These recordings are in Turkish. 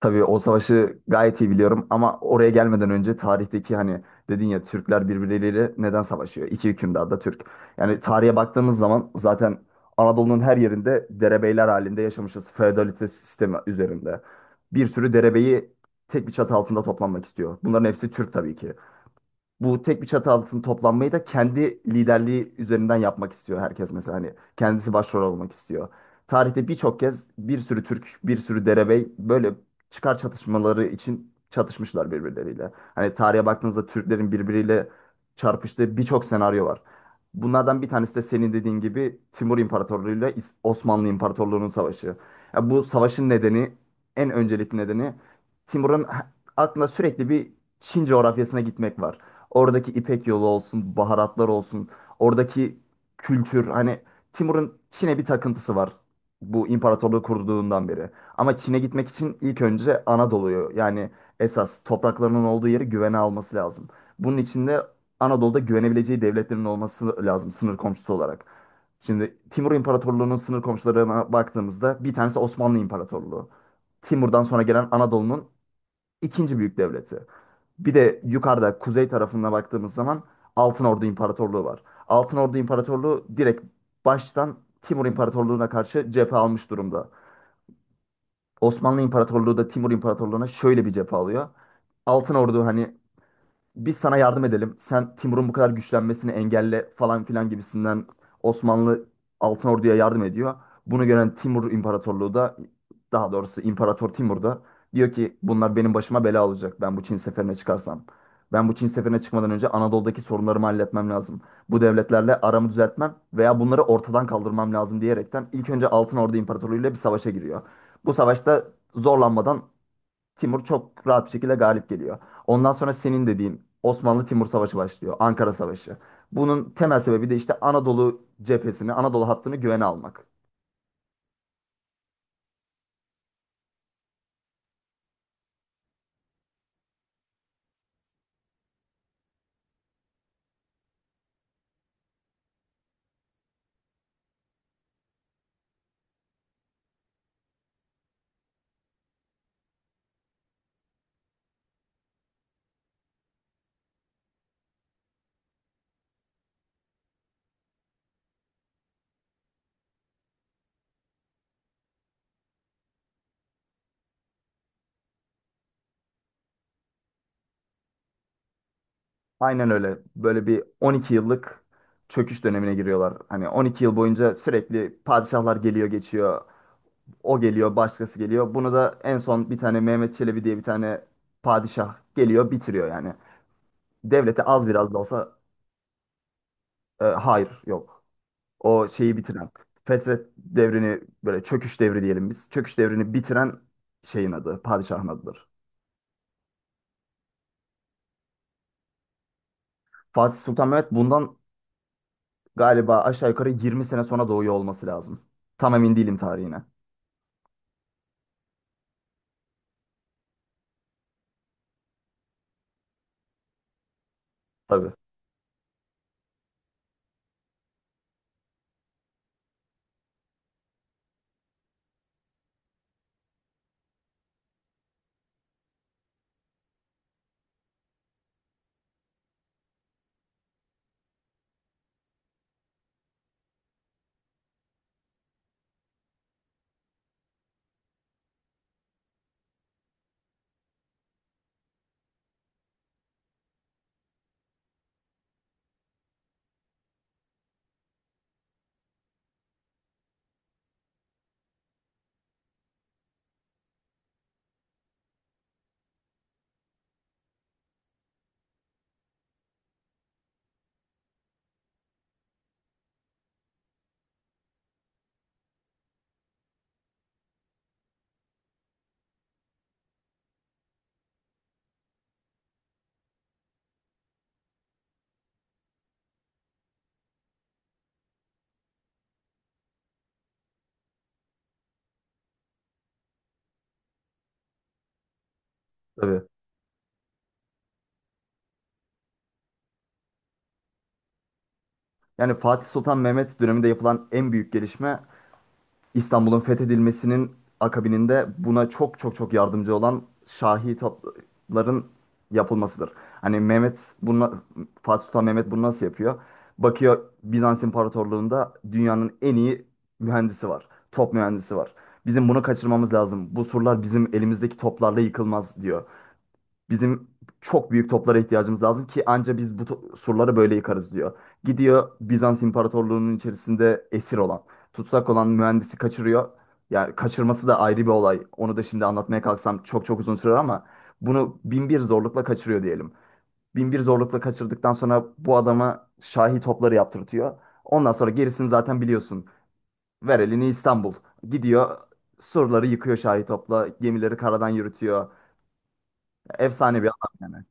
Tabii o savaşı gayet iyi biliyorum ama oraya gelmeden önce tarihteki hani dedin ya Türkler birbirleriyle neden savaşıyor? İki hükümdar da Türk. Yani tarihe baktığımız zaman zaten Anadolu'nun her yerinde derebeyler halinde yaşamışız. Feodalite sistemi üzerinde. Bir sürü derebeyi tek bir çatı altında toplanmak istiyor. Bunların hepsi Türk tabii ki bu tek bir çatı altında toplanmayı da kendi liderliği üzerinden yapmak istiyor herkes, mesela hani kendisi başrol olmak istiyor. Tarihte birçok kez bir sürü Türk, bir sürü derebey böyle çıkar çatışmaları için çatışmışlar birbirleriyle. Hani tarihe baktığınızda Türklerin birbiriyle çarpıştığı birçok senaryo var. Bunlardan bir tanesi de senin dediğin gibi Timur İmparatorluğu ile Osmanlı İmparatorluğu'nun savaşı. Ya bu savaşın nedeni, en öncelikli nedeni Timur'un aklında sürekli bir Çin coğrafyasına gitmek var. Oradaki İpek yolu olsun, baharatlar olsun, oradaki kültür, hani Timur'un Çin'e bir takıntısı var. Bu imparatorluğu kurduğundan beri. Ama Çin'e gitmek için ilk önce Anadolu'yu, yani esas topraklarının olduğu yeri güvene alması lazım. Bunun için de Anadolu'da güvenebileceği devletlerin olması lazım sınır komşusu olarak. Şimdi Timur İmparatorluğu'nun sınır komşularına baktığımızda bir tanesi Osmanlı İmparatorluğu. Timur'dan sonra gelen Anadolu'nun ikinci büyük devleti. Bir de yukarıda kuzey tarafına baktığımız zaman Altın Ordu İmparatorluğu var. Altın Ordu İmparatorluğu direkt baştan Timur İmparatorluğu'na karşı cephe almış durumda. Osmanlı İmparatorluğu da Timur İmparatorluğu'na şöyle bir cephe alıyor. Altın Ordu, hani biz sana yardım edelim. Sen Timur'un bu kadar güçlenmesini engelle falan filan gibisinden Osmanlı Altın Ordu'ya yardım ediyor. Bunu gören Timur İmparatorluğu da, daha doğrusu İmparator Timur da diyor ki bunlar benim başıma bela olacak ben bu Çin seferine çıkarsam. Ben bu Çin seferine çıkmadan önce Anadolu'daki sorunlarımı halletmem lazım. Bu devletlerle aramı düzeltmem veya bunları ortadan kaldırmam lazım diyerekten ilk önce Altın Ordu İmparatorluğu ile bir savaşa giriyor. Bu savaşta zorlanmadan Timur çok rahat bir şekilde galip geliyor. Ondan sonra senin dediğin Osmanlı-Timur Savaşı başlıyor. Ankara Savaşı. Bunun temel sebebi de işte Anadolu cephesini, Anadolu hattını güvene almak. Aynen öyle. Böyle bir 12 yıllık çöküş dönemine giriyorlar. Hani 12 yıl boyunca sürekli padişahlar geliyor geçiyor. O geliyor, başkası geliyor. Bunu da en son bir tane Mehmet Çelebi diye bir tane padişah geliyor, bitiriyor yani. Devlete az biraz da olsa hayır, yok. O şeyi bitiren. Fetret devrini böyle çöküş devri diyelim biz. Çöküş devrini bitiren şeyin adı, padişahın adıdır. Fatih Sultan Mehmet bundan galiba aşağı yukarı 20 sene sonra doğuyor olması lazım. Tam emin değilim tarihine. Tabii, tabii. Yani Fatih Sultan Mehmet döneminde yapılan en büyük gelişme İstanbul'un fethedilmesinin akabininde buna çok çok çok yardımcı olan Şahi topların yapılmasıdır. Hani Mehmet bunu Fatih Sultan Mehmet bunu nasıl yapıyor? Bakıyor Bizans İmparatorluğu'nda dünyanın en iyi mühendisi var. Top mühendisi var. Bizim bunu kaçırmamız lazım. Bu surlar bizim elimizdeki toplarla yıkılmaz diyor. Bizim çok büyük toplara ihtiyacımız lazım ki anca biz bu surları böyle yıkarız diyor. Gidiyor Bizans İmparatorluğu'nun içerisinde esir olan, tutsak olan mühendisi kaçırıyor. Yani kaçırması da ayrı bir olay. Onu da şimdi anlatmaya kalksam çok çok uzun sürer ama bunu bin bir zorlukla kaçırıyor diyelim. Bin bir zorlukla kaçırdıktan sonra bu adama şahi topları yaptırtıyor. Ondan sonra gerisini zaten biliyorsun. Ver elini İstanbul. Gidiyor surları yıkıyor şahi topla, gemileri karadan yürütüyor. Efsane bir adam yani.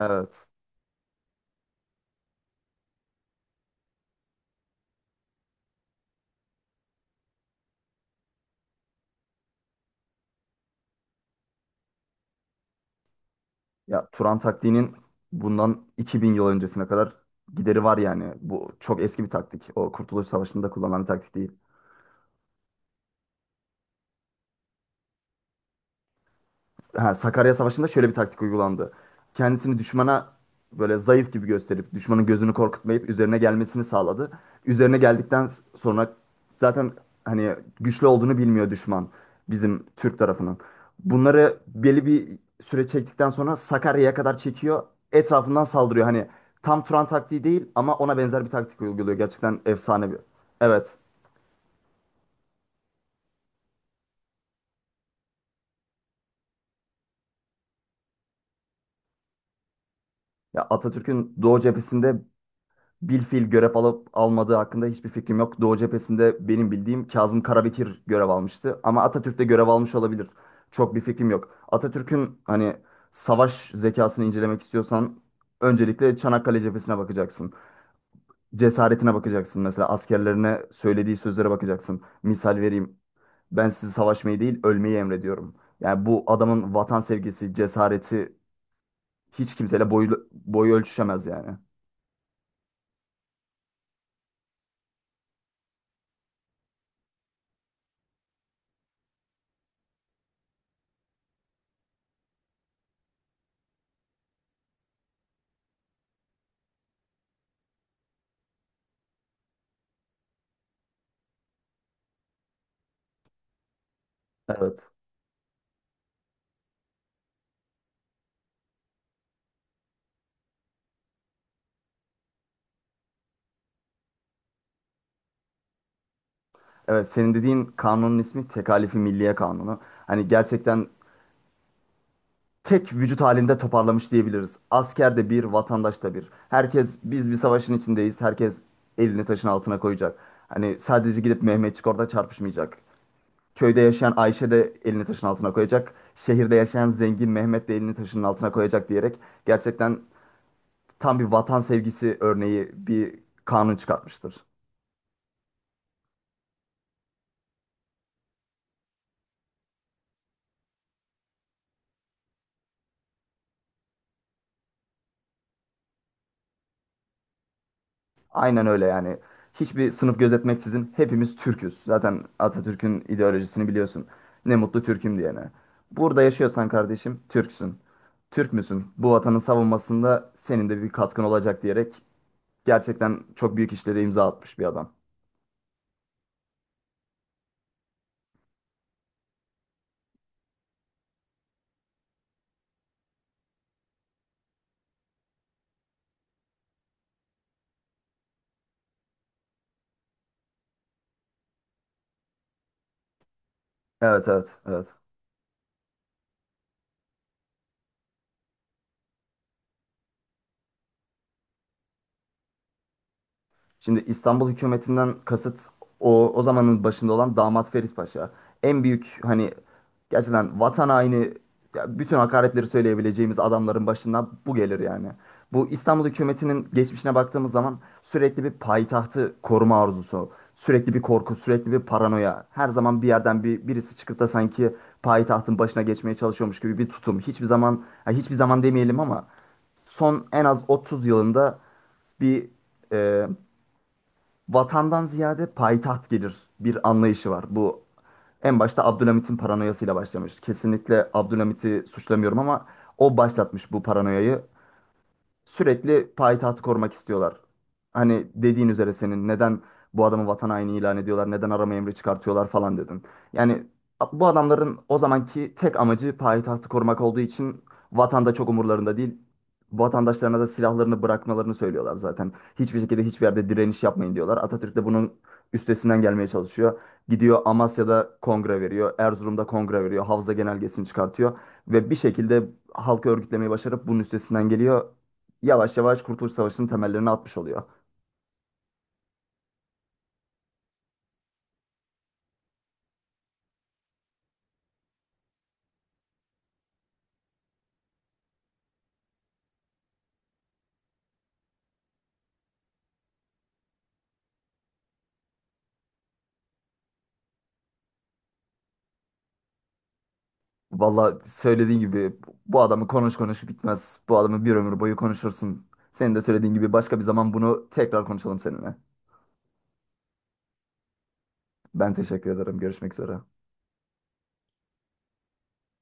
Evet. Ya Turan taktiğinin bundan 2000 yıl öncesine kadar gideri var yani. Bu çok eski bir taktik. O Kurtuluş Savaşı'nda kullanılan bir taktik değil. Ha, Sakarya Savaşı'nda şöyle bir taktik uygulandı. Kendisini düşmana böyle zayıf gibi gösterip düşmanın gözünü korkutmayıp üzerine gelmesini sağladı. Üzerine geldikten sonra zaten hani güçlü olduğunu bilmiyor düşman bizim Türk tarafının. Bunları belli bir süre çektikten sonra Sakarya'ya kadar çekiyor. Etrafından saldırıyor. Hani tam Turan taktiği değil ama ona benzer bir taktik uyguluyor. Gerçekten efsane bir. Evet. Ya Atatürk'ün Doğu cephesinde bilfiil görev alıp almadığı hakkında hiçbir fikrim yok. Doğu cephesinde benim bildiğim Kazım Karabekir görev almıştı. Ama Atatürk de görev almış olabilir. Çok bir fikrim yok. Atatürk'ün hani savaş zekasını incelemek istiyorsan öncelikle Çanakkale cephesine bakacaksın. Cesaretine bakacaksın. Mesela askerlerine söylediği sözlere bakacaksın. Misal vereyim. Ben sizi savaşmayı değil ölmeyi emrediyorum. Yani bu adamın vatan sevgisi, cesareti hiç kimseyle boyu ölçüşemez yani. Evet. Evet, senin dediğin kanunun ismi Tekalifi Milliye Kanunu. Hani gerçekten tek vücut halinde toparlamış diyebiliriz. Asker de bir, vatandaş da bir. Herkes biz bir savaşın içindeyiz. Herkes elini taşın altına koyacak. Hani sadece gidip Mehmetçik orada çarpışmayacak. Köyde yaşayan Ayşe de elini taşın altına koyacak. Şehirde yaşayan zengin Mehmet de elini taşın altına koyacak diyerek gerçekten tam bir vatan sevgisi örneği bir kanun çıkartmıştır. Aynen öyle yani. Hiçbir sınıf gözetmeksizin hepimiz Türküz. Zaten Atatürk'ün ideolojisini biliyorsun. Ne mutlu Türk'üm diyene. Burada yaşıyorsan kardeşim Türksün. Türk müsün? Bu vatanın savunmasında senin de bir katkın olacak diyerek gerçekten çok büyük işlere imza atmış bir adam. Evet, evet, evet. Şimdi İstanbul hükümetinden kasıt o zamanın başında olan Damat Ferit Paşa. En büyük, hani gerçekten vatan haini, ya bütün hakaretleri söyleyebileceğimiz adamların başından bu gelir yani. Bu İstanbul hükümetinin geçmişine baktığımız zaman sürekli bir payitahtı koruma arzusu, sürekli bir korku, sürekli bir paranoya. Her zaman bir yerden bir birisi çıkıp da sanki payitahtın başına geçmeye çalışıyormuş gibi bir tutum. Hiçbir zaman, ya hiçbir zaman demeyelim ama son en az 30 yılında bir e, vatandan ziyade payitaht gelir bir anlayışı var. Bu en başta Abdülhamit'in paranoyasıyla başlamış. Kesinlikle Abdülhamit'i suçlamıyorum ama o başlatmış bu paranoyayı, sürekli payitahtı korumak istiyorlar. Hani dediğin üzere senin neden bu adamı vatan haini ilan ediyorlar, neden arama emri çıkartıyorlar falan dedin. Yani bu adamların o zamanki tek amacı payitahtı korumak olduğu için vatanda çok umurlarında değil. Vatandaşlarına da silahlarını bırakmalarını söylüyorlar zaten. Hiçbir şekilde hiçbir yerde direniş yapmayın diyorlar. Atatürk de bunun üstesinden gelmeye çalışıyor. Gidiyor Amasya'da kongre veriyor, Erzurum'da kongre veriyor, Havza Genelgesi'ni çıkartıyor ve bir şekilde halkı örgütlemeyi başarıp bunun üstesinden geliyor, yavaş yavaş Kurtuluş Savaşı'nın temellerini atmış oluyor. Valla söylediğin gibi bu adamı konuş konuş bitmez. Bu adamı bir ömür boyu konuşursun. Senin de söylediğin gibi başka bir zaman bunu tekrar konuşalım seninle. Ben teşekkür ederim. Görüşmek üzere.